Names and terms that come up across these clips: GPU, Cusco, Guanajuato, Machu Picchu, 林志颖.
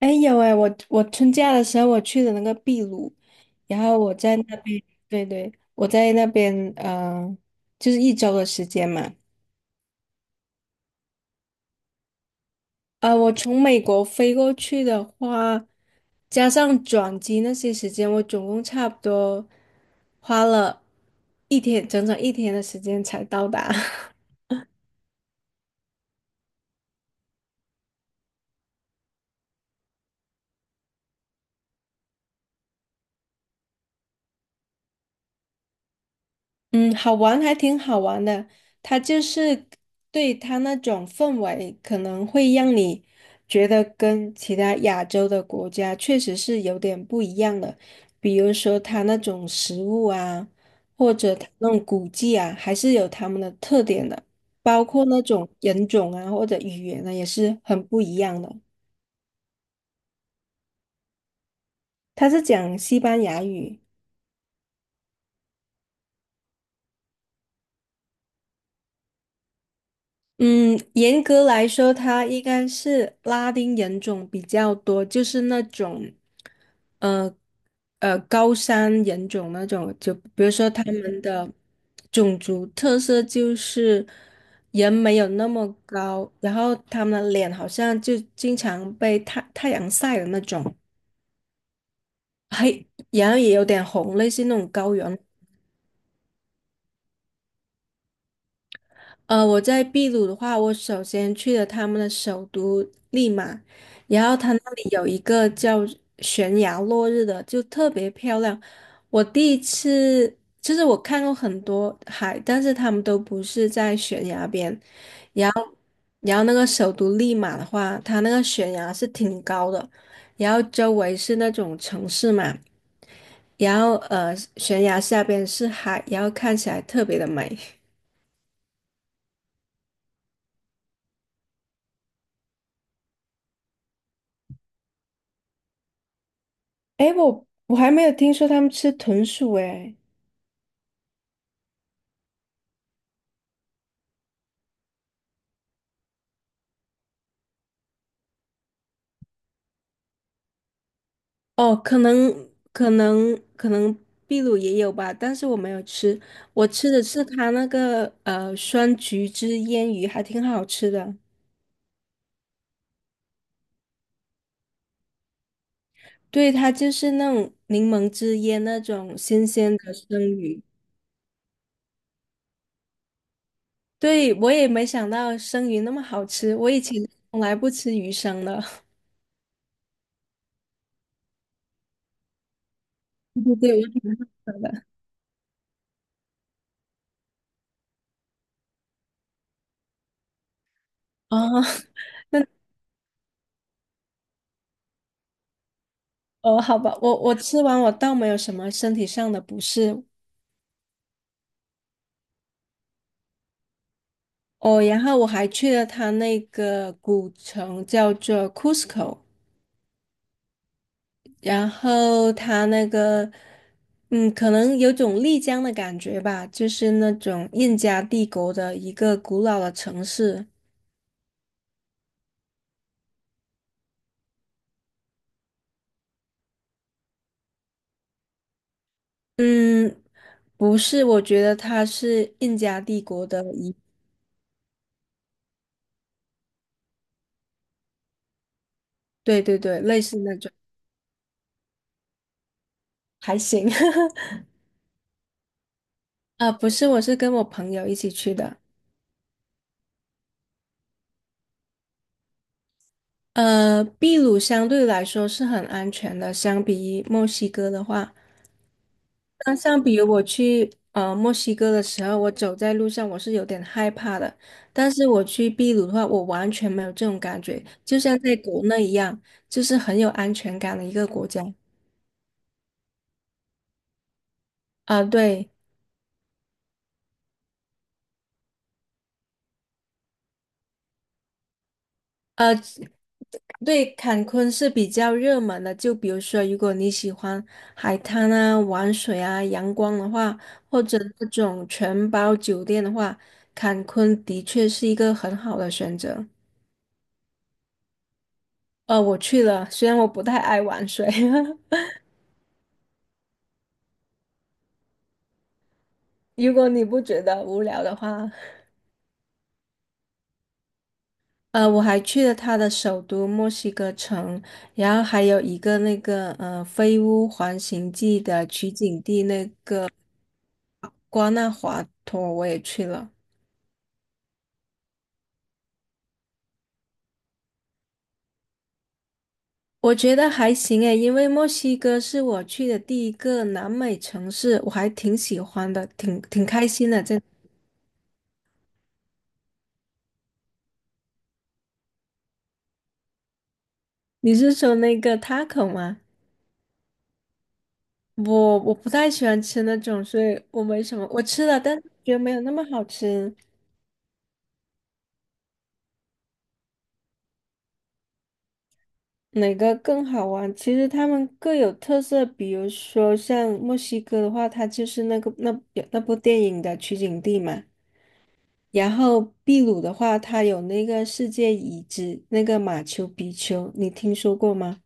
哎，有哎，我春假的时候我去的那个秘鲁，然后我在那边，对对，我在那边，就是一周的时间嘛。啊，我从美国飞过去的话，加上转机那些时间，我总共差不多花了一天，整整一天的时间才到达。嗯，好玩还挺好玩的，它就是，对，它那种氛围，可能会让你觉得跟其他亚洲的国家确实是有点不一样的，比如说它那种食物啊，或者它那种古迹啊，还是有他们的特点的，包括那种人种啊或者语言呢，也是很不一样的。它是讲西班牙语。嗯，严格来说，它应该是拉丁人种比较多，就是那种，呃，高山人种那种，就比如说他们的种族特色就是人没有那么高，然后他们的脸好像就经常被太阳晒的那种，黑，然后也有点红，类似那种高原。我在秘鲁的话，我首先去了他们的首都利马，然后它那里有一个叫悬崖落日的，就特别漂亮。我第一次，就是我看过很多海，但是他们都不是在悬崖边。然后那个首都利马的话，它那个悬崖是挺高的，然后周围是那种城市嘛，然后悬崖下边是海，然后看起来特别的美。诶，我还没有听说他们吃豚鼠诶。哦，可能秘鲁也有吧，但是我没有吃，我吃的是它那个酸橘汁腌鱼，还挺好吃的。对，它就是那种柠檬汁腌那种新鲜的生鱼。对，我也没想到生鱼那么好吃，我以前从来不吃鱼生的。对对对，我也晓得哦，那哦，好吧，我吃完我倒没有什么身体上的不适，哦，然后我还去了它那个古城，叫做 Cusco，然后它那个，可能有种丽江的感觉吧，就是那种印加帝国的一个古老的城市。嗯，不是，我觉得它是印加帝国的一，对对对，类似那种，还行。啊，不是，我是跟我朋友一起去的。秘鲁相对来说是很安全的，相比墨西哥的话，那相比于我去墨西哥的时候，我走在路上我是有点害怕的，但是我去秘鲁的话，我完全没有这种感觉，就像在国内一样，就是很有安全感的一个国家。啊、对，呃，对，坎昆是比较热门的，就比如说，如果你喜欢海滩啊、玩水啊、阳光的话，或者那种全包酒店的话，坎昆的确是一个很好的选择。我去了，虽然我不太爱玩水，如果你不觉得无聊的话，我还去了它的首都墨西哥城，然后还有一个那个《飞屋环形记》的取景地那瓜纳华托，我也去了。我觉得还行诶，因为墨西哥是我去的第一个南美城市，我还挺喜欢的，挺开心的。你是说那个 taco 吗？我不太喜欢吃那种，所以我没什么。我吃了，但是觉得没有那么好吃。哪个更好玩？其实他们各有特色，比如说像墨西哥的话，它就是那个那部电影的取景地嘛。然后秘鲁的话，它有那个世界遗址，那个马丘比丘，你听说过吗？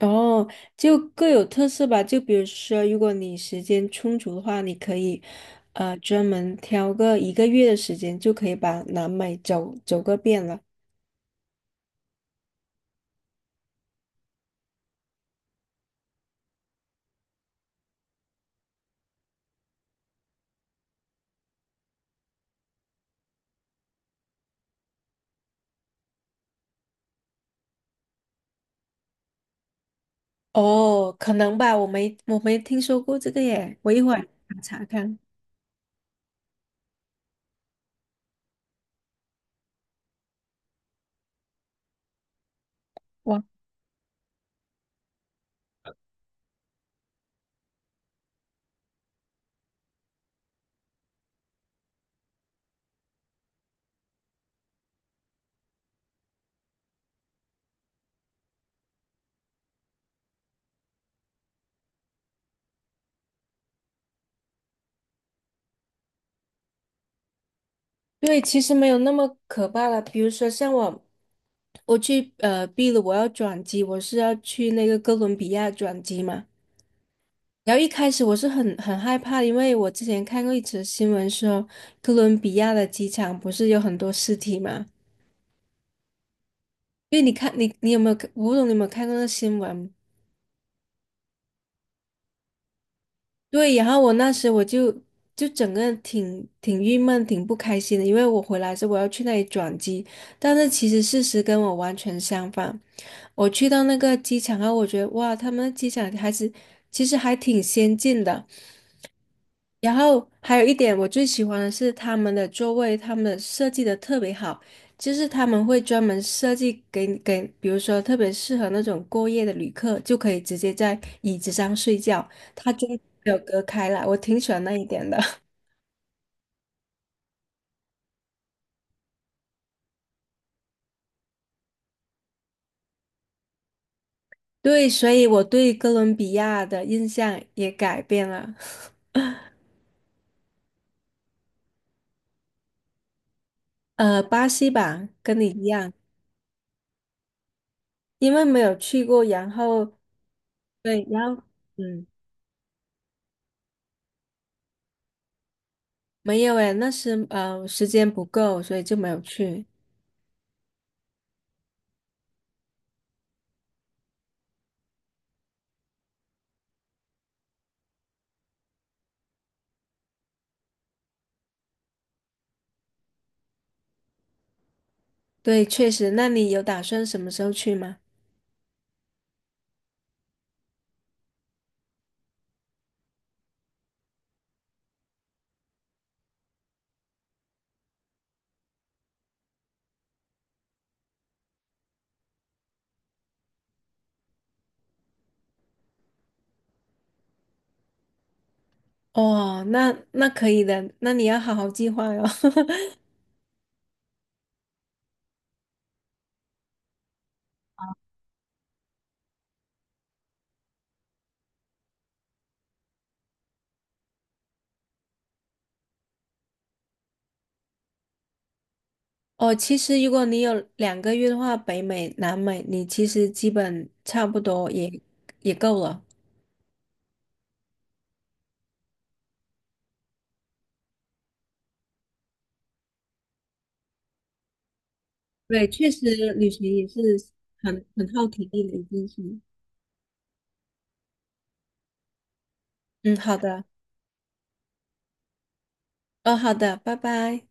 哦，就各有特色吧。就比如说，如果你时间充足的话，你可以，专门挑个一个月的时间，就可以把南美走走个遍了。哦，可能吧，我没听说过这个耶，我一会儿查看。对，其实没有那么可怕了。比如说，像我去秘鲁，我要转机，我是要去那个哥伦比亚转机嘛。然后一开始我是很害怕，因为我之前看过一则新闻说，哥伦比亚的机场不是有很多尸体嘛？因为你看，你有没有看，我不懂你有没有看过那新闻？对，然后我那时我就整个人挺郁闷、挺不开心的，因为我回来是我要去那里转机，但是其实事实跟我完全相反。我去到那个机场啊，我觉得哇，他们的机场还是其实还挺先进的。然后还有一点我最喜欢的是他们的座位，他们的设计的特别好，就是他们会专门设计给，比如说特别适合那种过夜的旅客，就可以直接在椅子上睡觉，它中间没有隔开来，我挺喜欢那一点的。对，所以我对哥伦比亚的印象也改变了。巴西吧，跟你一样，因为没有去过，然后对，然后嗯，没有诶，那时时间不够，所以就没有去。对，确实，那你有打算什么时候去吗？哦，那可以的，那你要好好计划哟。哦，其实如果你有2个月的话，北美、南美，你其实基本差不多也够了。对，确实旅行也是很耗体力的一件事。嗯，好的，哦，好的，拜拜。